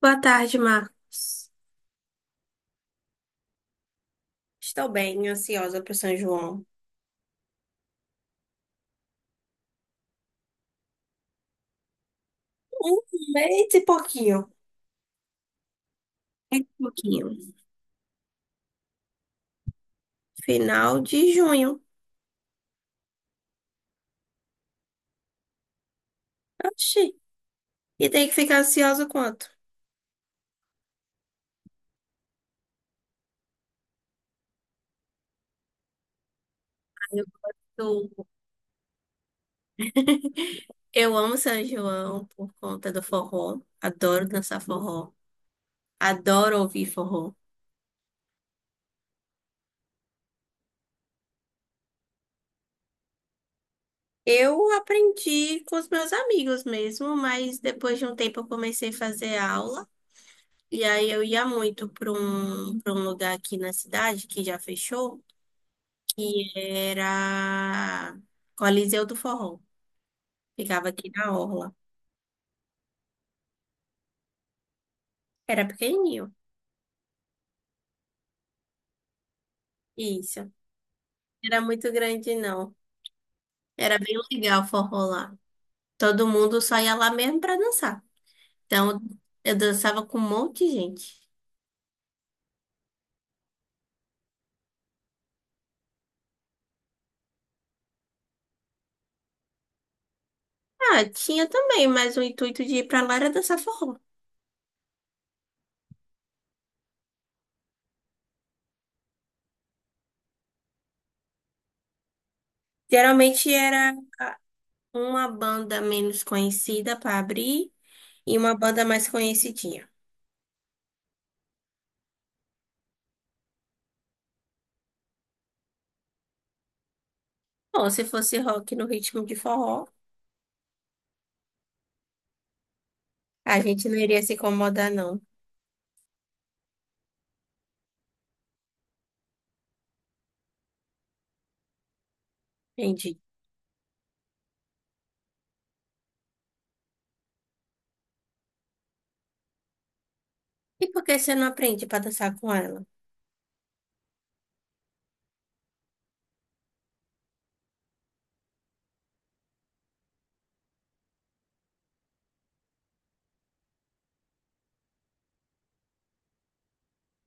Boa tarde, Marcos. Estou bem, ansiosa para o São João. Um mês e pouquinho. É um pouquinho. Final de junho. Oxi. E tem que ficar ansiosa quanto? Eu, eu eu amo São João por conta do forró. Adoro dançar forró. Adoro ouvir forró. Eu aprendi com os meus amigos mesmo, mas depois de um tempo eu comecei a fazer aula. E aí eu ia muito para um lugar aqui na cidade que já fechou. E era Coliseu do Forró. Ficava aqui na Orla. Era pequenininho. Isso. Era muito grande, não. Era bem legal o forró lá. Todo mundo só ia lá mesmo pra dançar. Então, eu dançava com um monte de gente. Ah, tinha também, mas o intuito de ir pra lá era dançar forró. Geralmente era uma banda menos conhecida pra abrir e uma banda mais conhecidinha. Bom, se fosse rock no ritmo de forró, a gente não iria se incomodar, não. Entendi. E por que você não aprende para dançar com ela?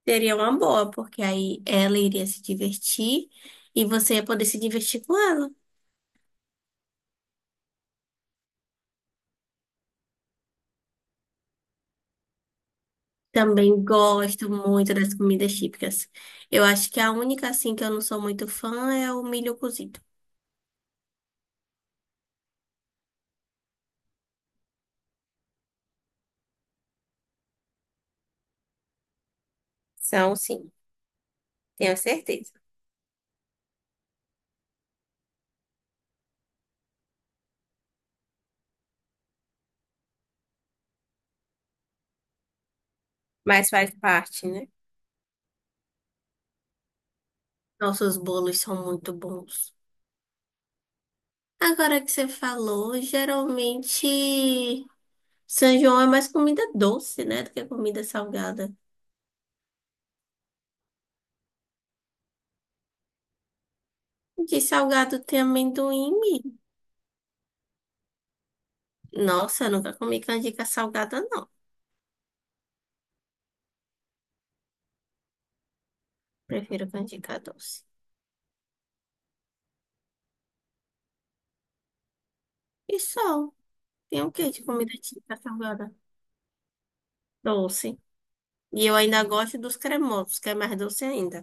Seria uma boa, porque aí ela iria se divertir e você ia poder se divertir com ela. Também gosto muito das comidas típicas. Eu acho que a única, assim, que eu não sou muito fã é o milho cozido. São, sim, tenho certeza. Mas faz parte, né? Nossos bolos são muito bons. Agora que você falou, geralmente São João é mais comida doce, né, do que comida salgada. De salgado tem amendoim e milho. Nossa, eu nunca comi canjica salgada, não. Prefiro canjica doce. E só. Tem o que de comida típica salgada? Doce. E eu ainda gosto dos cremosos, que é mais doce ainda.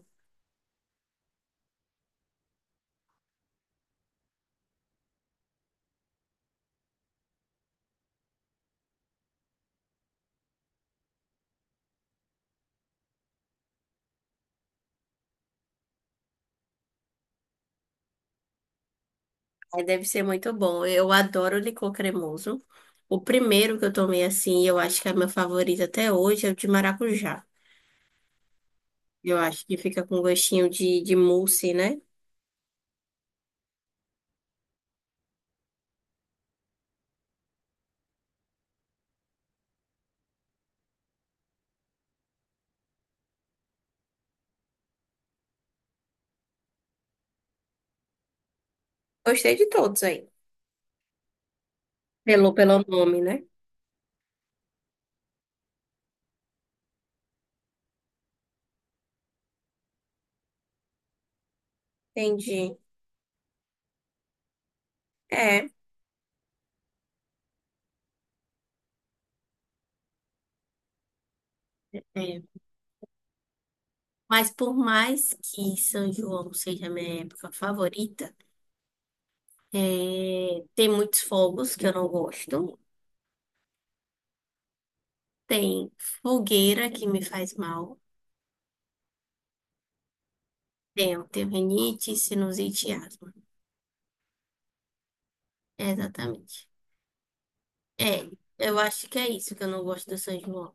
Aí deve ser muito bom. Eu adoro licor cremoso. O primeiro que eu tomei assim, eu acho que é meu favorito até hoje, é o de maracujá. Eu acho que fica com gostinho de mousse, né? Gostei de todos aí. Pelo nome, né? Entendi. É. É, mas por mais que São João seja minha época favorita, é, tem muitos fogos que eu não gosto. Tem fogueira que me faz mal. Tenho, tenho rinite, sinusite e asma. É, exatamente. É, eu acho que é isso que eu não gosto do São João.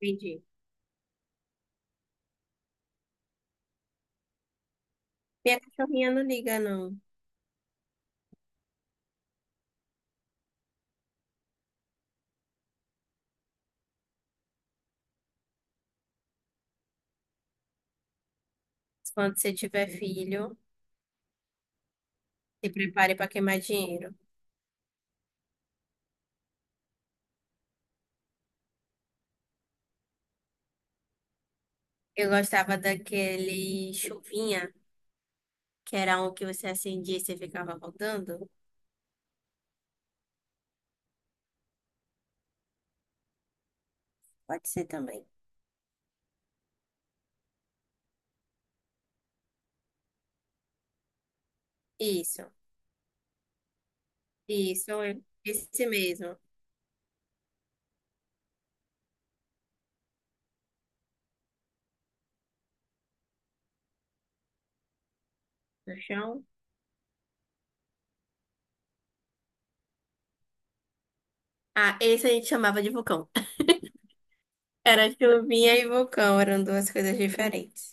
Entendi. Minha cachorrinha não liga, não. Quando você tiver filho, se prepare para queimar dinheiro. Eu gostava daquele chuvinha, que era um que você acendia e você ficava rodando. Pode ser também. Isso, isso, é esse mesmo. No chão. Ah, esse a gente chamava de vulcão. Era chuvinha e vulcão, eram duas coisas diferentes.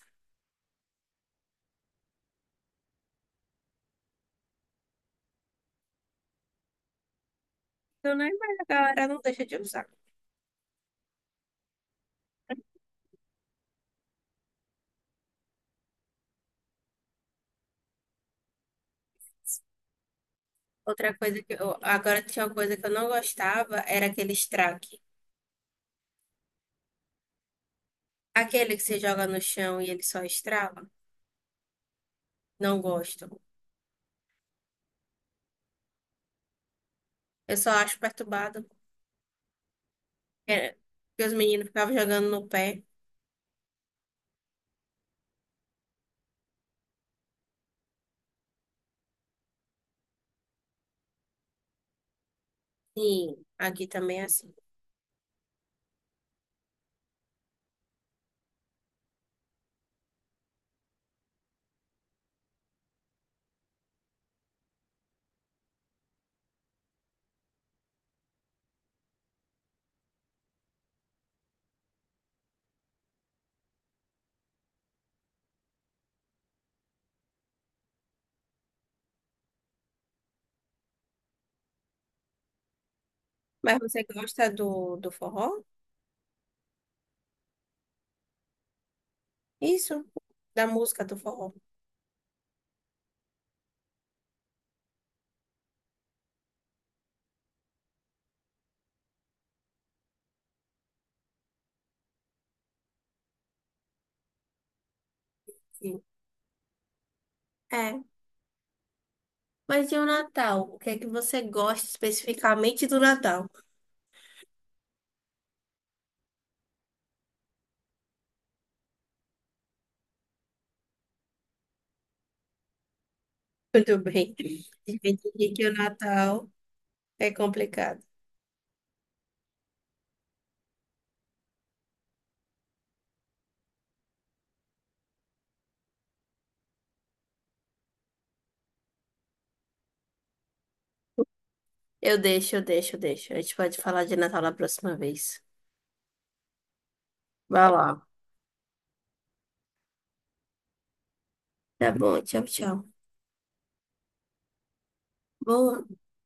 Então, né, mas a galera não deixa de usar. Outra coisa que eu, agora tinha uma coisa que eu não gostava, era aquele estraque. Aquele que você joga no chão e ele só estrala. Não gosto. Eu só acho perturbado. É, porque os meninos ficavam jogando no pé. Sim, aqui também é assim. Mas você gosta do forró? Isso, da música do forró. Sim. É, mas e o Natal? O que é que você gosta especificamente do Natal? Tudo bem. Dividir que o Natal é complicado. Eu deixo. A gente pode falar de Natal na próxima vez. Vai lá. Tá bom, tchau, tchau. Boa.